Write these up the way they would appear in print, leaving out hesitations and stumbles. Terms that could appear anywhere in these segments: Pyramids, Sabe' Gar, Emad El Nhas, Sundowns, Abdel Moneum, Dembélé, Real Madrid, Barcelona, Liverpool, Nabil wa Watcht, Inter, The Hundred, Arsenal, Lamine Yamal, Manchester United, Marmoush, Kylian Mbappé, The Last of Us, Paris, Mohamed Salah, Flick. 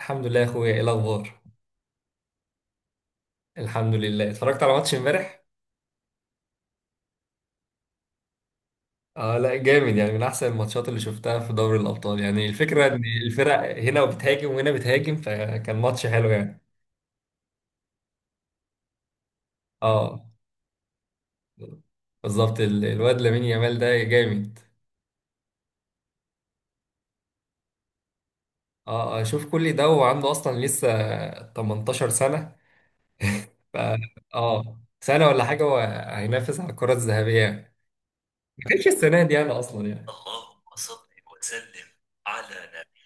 الحمد لله يا اخويا، ايه الاخبار؟ الحمد لله، اتفرجت على ماتش امبارح. اه لا جامد، يعني من احسن الماتشات اللي شفتها في دوري الابطال، يعني الفكره ان الفرق هنا بتهاجم وهنا بتهاجم، فكان ماتش حلو يعني. اه بالظبط، الواد لامين يامال ده جامد. اه، شوف كل ده وعنده اصلا لسه 18 سنه. ف اه سنه ولا حاجه، وهينافس على الكره الذهبيه يعني. ما كانش السنه دي يعني، اصلا يعني، اللهم صل وسلم على نبي.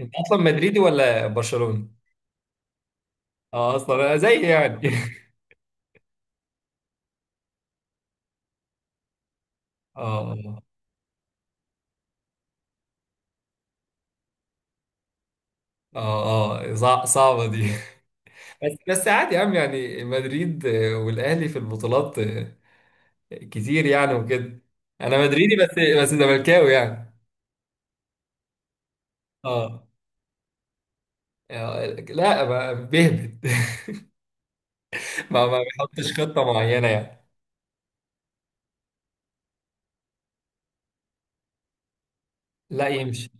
انت اصلا مدريدي ولا برشلوني؟ اه اصلا زي يعني. اه اه اه، صعبة دي. بس بس عادي يا عم، يعني مدريد والاهلي في البطولات كتير يعني وكده. انا مدريدي بس بس زملكاوي يعني. اه لا بيهبط. ما بيحطش خطة معينة يعني. لا يمشي.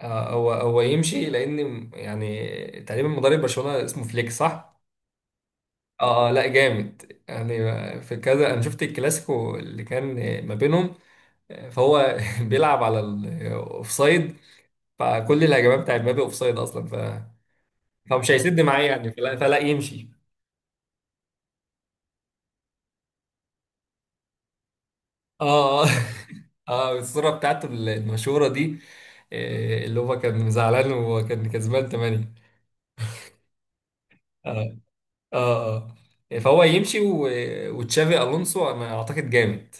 آه هو هو يمشي، لان يعني تقريبا مدرب برشلونة اسمه فليك، صح؟ اه لا جامد، يعني في كذا انا شفت الكلاسيكو اللي كان ما بينهم. فهو بيلعب على الاوفسايد، فكل الهجمات بتاعت مبابي اوفسايد اصلا، ف، فمش هيسد معاه يعني، فلا يمشي. اه اه. اه الصورة بتاعته المشهورة دي، اللي هو كان زعلان وكان كسبان 8. اه اه اه، فهو يمشي، وتشافي الونسو انا اعتقد جامد.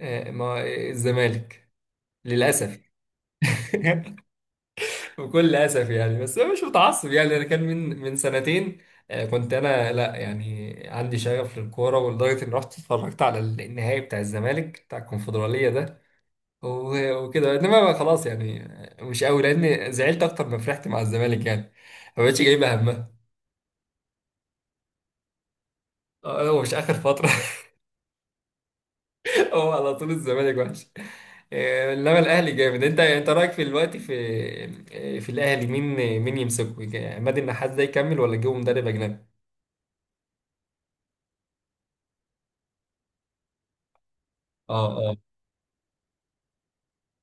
آه، ما الزمالك، للاسف. بكل اسف يعني، بس انا مش متعصب يعني. انا كان من سنتين، كنت انا لا يعني عندي شغف للكوره، ولدرجه اني رحت اتفرجت على النهائي بتاع الزمالك بتاع الكونفدراليه ده. وكده، انما بقى خلاص يعني، مش قوي، لان زعلت اكتر ما فرحت مع الزمالك يعني. ما بقتش جايبه همها. هو مش اخر فتره. هو على طول الزمالك وحش، انما الاهلي جامد. انت رايك في الوقت في الاهلي مين؟ مين يمسكه، عماد النحاس ده يكمل، ولا يجيبه مدرب اجنبي؟ اه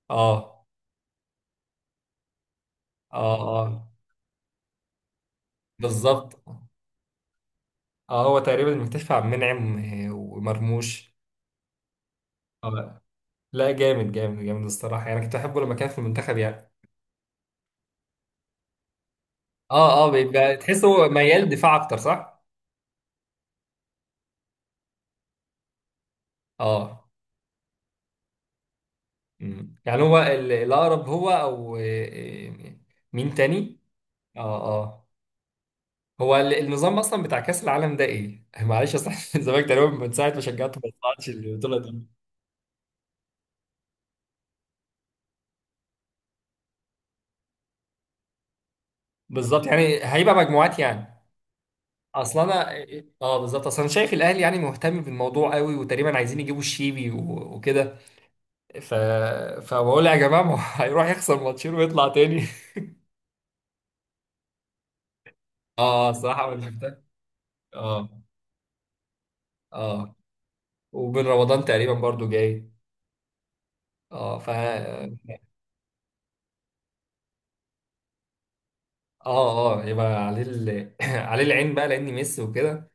اه اه اه، بالظبط. اه هو تقريبا مكتشف عبد المنعم ومرموش. اه لا جامد جامد جامد الصراحه، يعني كنت احبه لما كان في المنتخب يعني. اه اه، بيبقى تحس هو ميال دفاع اكتر، صح؟ اه مم، يعني هو الاقرب هو او آه، آه، مين تاني؟ اه اه، هو النظام اصلا بتاع كاس العالم ده ايه؟ معلش اصل، الزمالك تقريبا من ساعه ما شجعته ما طلعتش البطوله دي. بالظبط، يعني هيبقى مجموعات يعني. اصل انا، اه بالظبط اصل انا شايف الاهلي يعني مهتم بالموضوع قوي، وتقريبا عايزين يجيبوا الشيبي وكده، ف، فبقول يا جماعه ما هو هيروح يخسر ماتشين ويطلع تاني. اه الصراحه ما شفتها. اه اه. وبن رمضان تقريبا برضو جاي. اه ف اه اه يبقى عليه عليه العين بقى لاني ميسي وكده.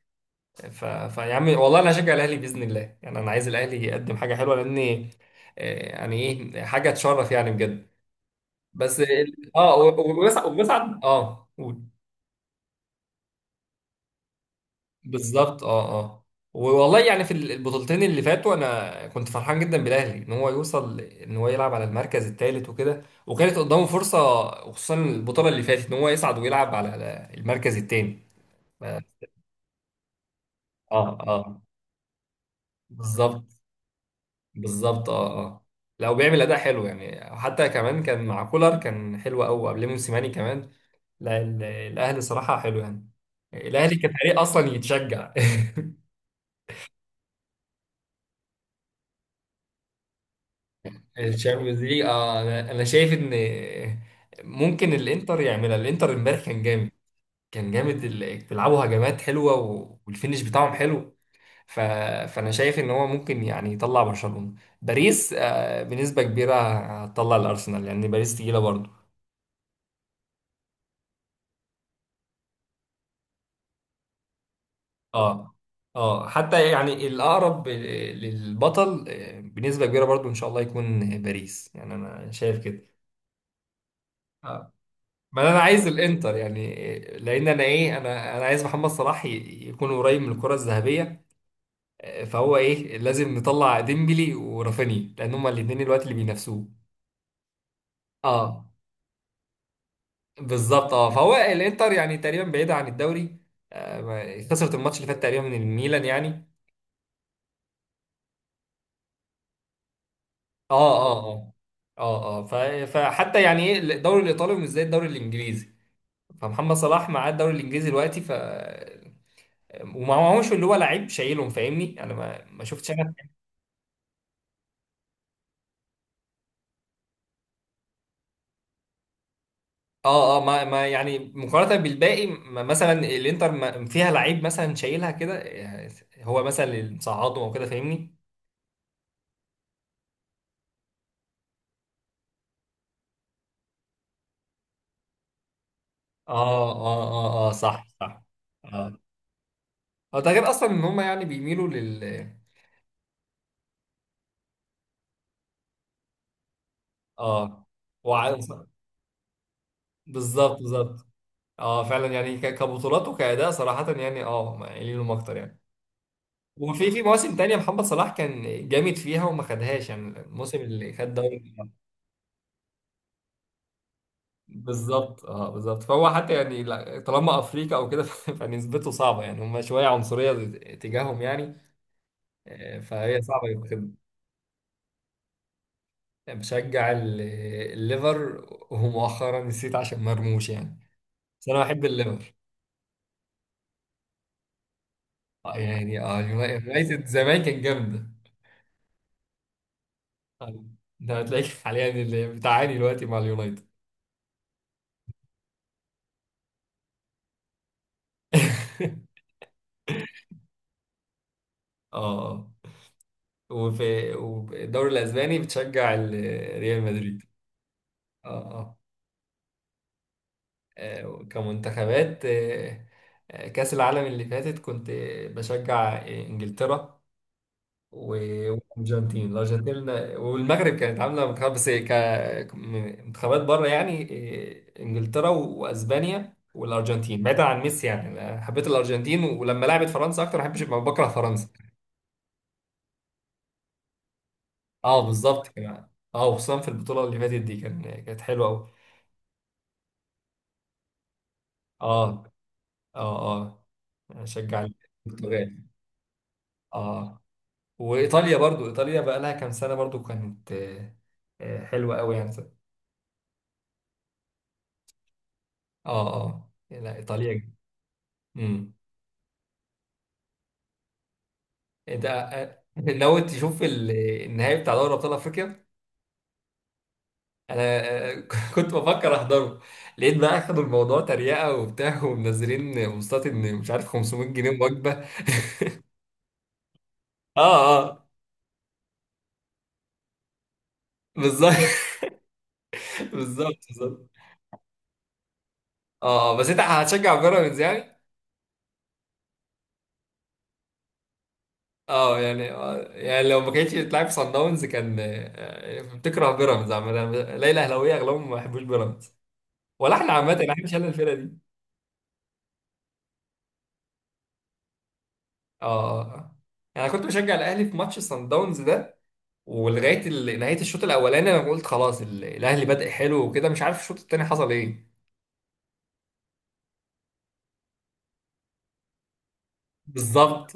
فيا عم والله انا هشجع الاهلي باذن الله يعني. انا عايز الاهلي يقدم حاجه حلوه، لاني يعني ايه حاجه تشرف يعني بجد. بس وبيصعد وبيصعد اه قول. بالظبط اه اه. والله يعني في البطولتين اللي فاتوا، انا كنت فرحان جدا بالاهلي ان هو يوصل، ان هو يلعب على المركز الثالث وكده، وكانت قدامه فرصه. وخصوصا البطوله اللي فاتت ان هو يصعد ويلعب على المركز الثاني. اه اه بالظبط بالظبط اه اه لو بيعمل اداء حلو يعني. حتى كمان كان مع كولر كان حلو قوي قبل موسيماني كمان. لا الاهلي صراحه حلو يعني. الاهلي كفريق اصلا يتشجع. الشامبيونز ليج اه، أنا شايف ان ممكن الانتر يعملها. الانتر امبارح كان جامد، كان جامد، بيلعبوا هجمات حلوه والفينش بتاعهم حلو، ف، فانا شايف ان هو ممكن يعني يطلع برشلونه. باريس بنسبه كبيره هتطلع الارسنال، لان يعني باريس تقيله برضه. اه اه، حتى يعني الاقرب للبطل بنسبه كبيره برضه، ان شاء الله يكون باريس يعني، انا شايف كده. آه. ما انا عايز الانتر يعني، لان انا ايه انا انا عايز محمد صلاح يكون قريب من الكره الذهبيه. فهو ايه لازم نطلع ديمبلي ورافينيا، لان هما الاثنين الوقت اللي بينافسوه. اه بالظبط اه، فهو الانتر يعني تقريبا بعيده عن الدوري، خسرت الماتش اللي فات تقريبا من الميلان يعني. اه اه اه اه اه، فحتى يعني ايه الدوري الايطالي مش زي الدوري الانجليزي. فمحمد صلاح معاه الدوري الانجليزي دلوقتي، ف، ومعهوش اللي هو لعيب شايلهم فاهمني. انا ما شفتش. اه اه، ما يعني مقارنة بالباقي، ما مثلا الانتر ما فيها لعيب مثلا شايلها كده، هو مثلا اللي مصعدهم او كده فاهمني. اه اه اه اه صح صح. اه اه، ده غير اصلا ان هم يعني بيميلوا اه وع... بالظبط بالظبط. اه فعلا يعني كبطولات وكأداء، صراحة يعني، اه قايلينهم اكتر يعني. وفي مواسم تانية محمد صلاح كان جامد فيها، وما خدهاش يعني الموسم اللي خد دوري. بالظبط اه بالظبط، فهو حتى يعني طالما افريقيا او كده فنسبته صعبه يعني. هم شويه عنصريه تجاههم يعني فهي صعبه يتخدم. بشجع الليفر، ومؤخرا نسيت عشان مرموش يعني. بس انا بحب الليفر. يعني اه اليونايتد زمان كان جامده. آه، ده هتلاقيك حاليا اللي بتعاني دلوقتي مع اليونايتد. اه والدوري الاسباني بتشجع ريال مدريد. اه آه. كمنتخبات كأس العالم اللي فاتت كنت بشجع إنجلترا و- الأرجنتين والمغرب. كانت عاملة منتخب، بس منتخبات بره يعني. إنجلترا وأسبانيا والأرجنتين، بعيدا عن ميسي يعني. أنا حبيت الأرجنتين، ولما لعبت فرنسا أكتر ما بحبش، بكره فرنسا. أه بالظبط كده، أه وخصوصا في البطولة اللي فاتت دي، كانت حلوة أوي. أه أه أه أشجع البرتغال. اه وايطاليا برضو، ايطاليا بقى لها كام سنه برضو كانت حلوه قوي يعني. اه اه لا ايطاليا. امم. انت ناوي تشوف النهائي بتاع دوري ابطال افريقيا؟ انا آه، كنت بفكر احضره. لقيت بقى اخدوا الموضوع تريقه وبتاع، ومنزلين بوستات ان مش عارف 500 جنيه وجبه. اه اه بالظبط، بالظبط بالظبط. اه بس انت هتشجع بيراميدز يعني. اه يعني يعني لو ما كانتش بتلعب في صن داونز، كان بتكره بيراميدز عامة. ليلى اهلاويه اغلبهم ما بيحبوش بيراميدز، ولا احنا عامة احنا مش شلنا الفرقة دي. اه اه آه. يعني انا كنت بشجع الاهلي في ماتش صن داونز ده، ولغاية نهاية الشوط الاولاني انا قلت خلاص الاهلي بدأ حلو وكده، مش عارف الشوط التاني حصل ايه. بالظبط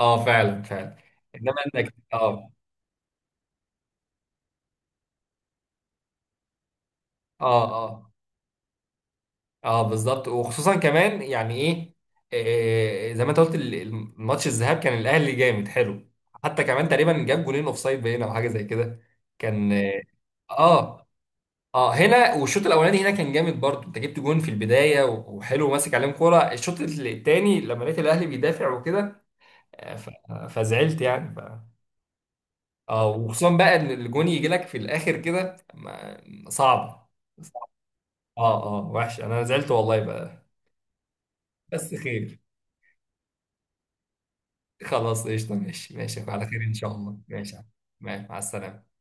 اه فعلا فعلا. انما انك اه. اه آه. اه بالظبط، وخصوصا كمان يعني ايه زي ما انت قلت، الماتش الذهاب كان الاهلي جامد حلو. حتى كمان تقريبا جاب جولين اوف سايد باين او حاجه زي كده. كان اه اه هنا والشوط الاولاني هنا كان جامد برضه. انت جبت جون في البدايه وحلو ماسك عليهم كوره، الشوط الثاني لما لقيت الاهلي بيدافع وكده، آه، ف- فزعلت يعني، ف. اه وخصوصا بقى ان الجون يجي لك في الاخر كده، صعب. صعب. اه اه وحش، انا زعلت والله بقى. بس خير. خلاص قشطة، ماشي ماشي على خير إن شاء الله. ماشي يا عم. مع السلامة.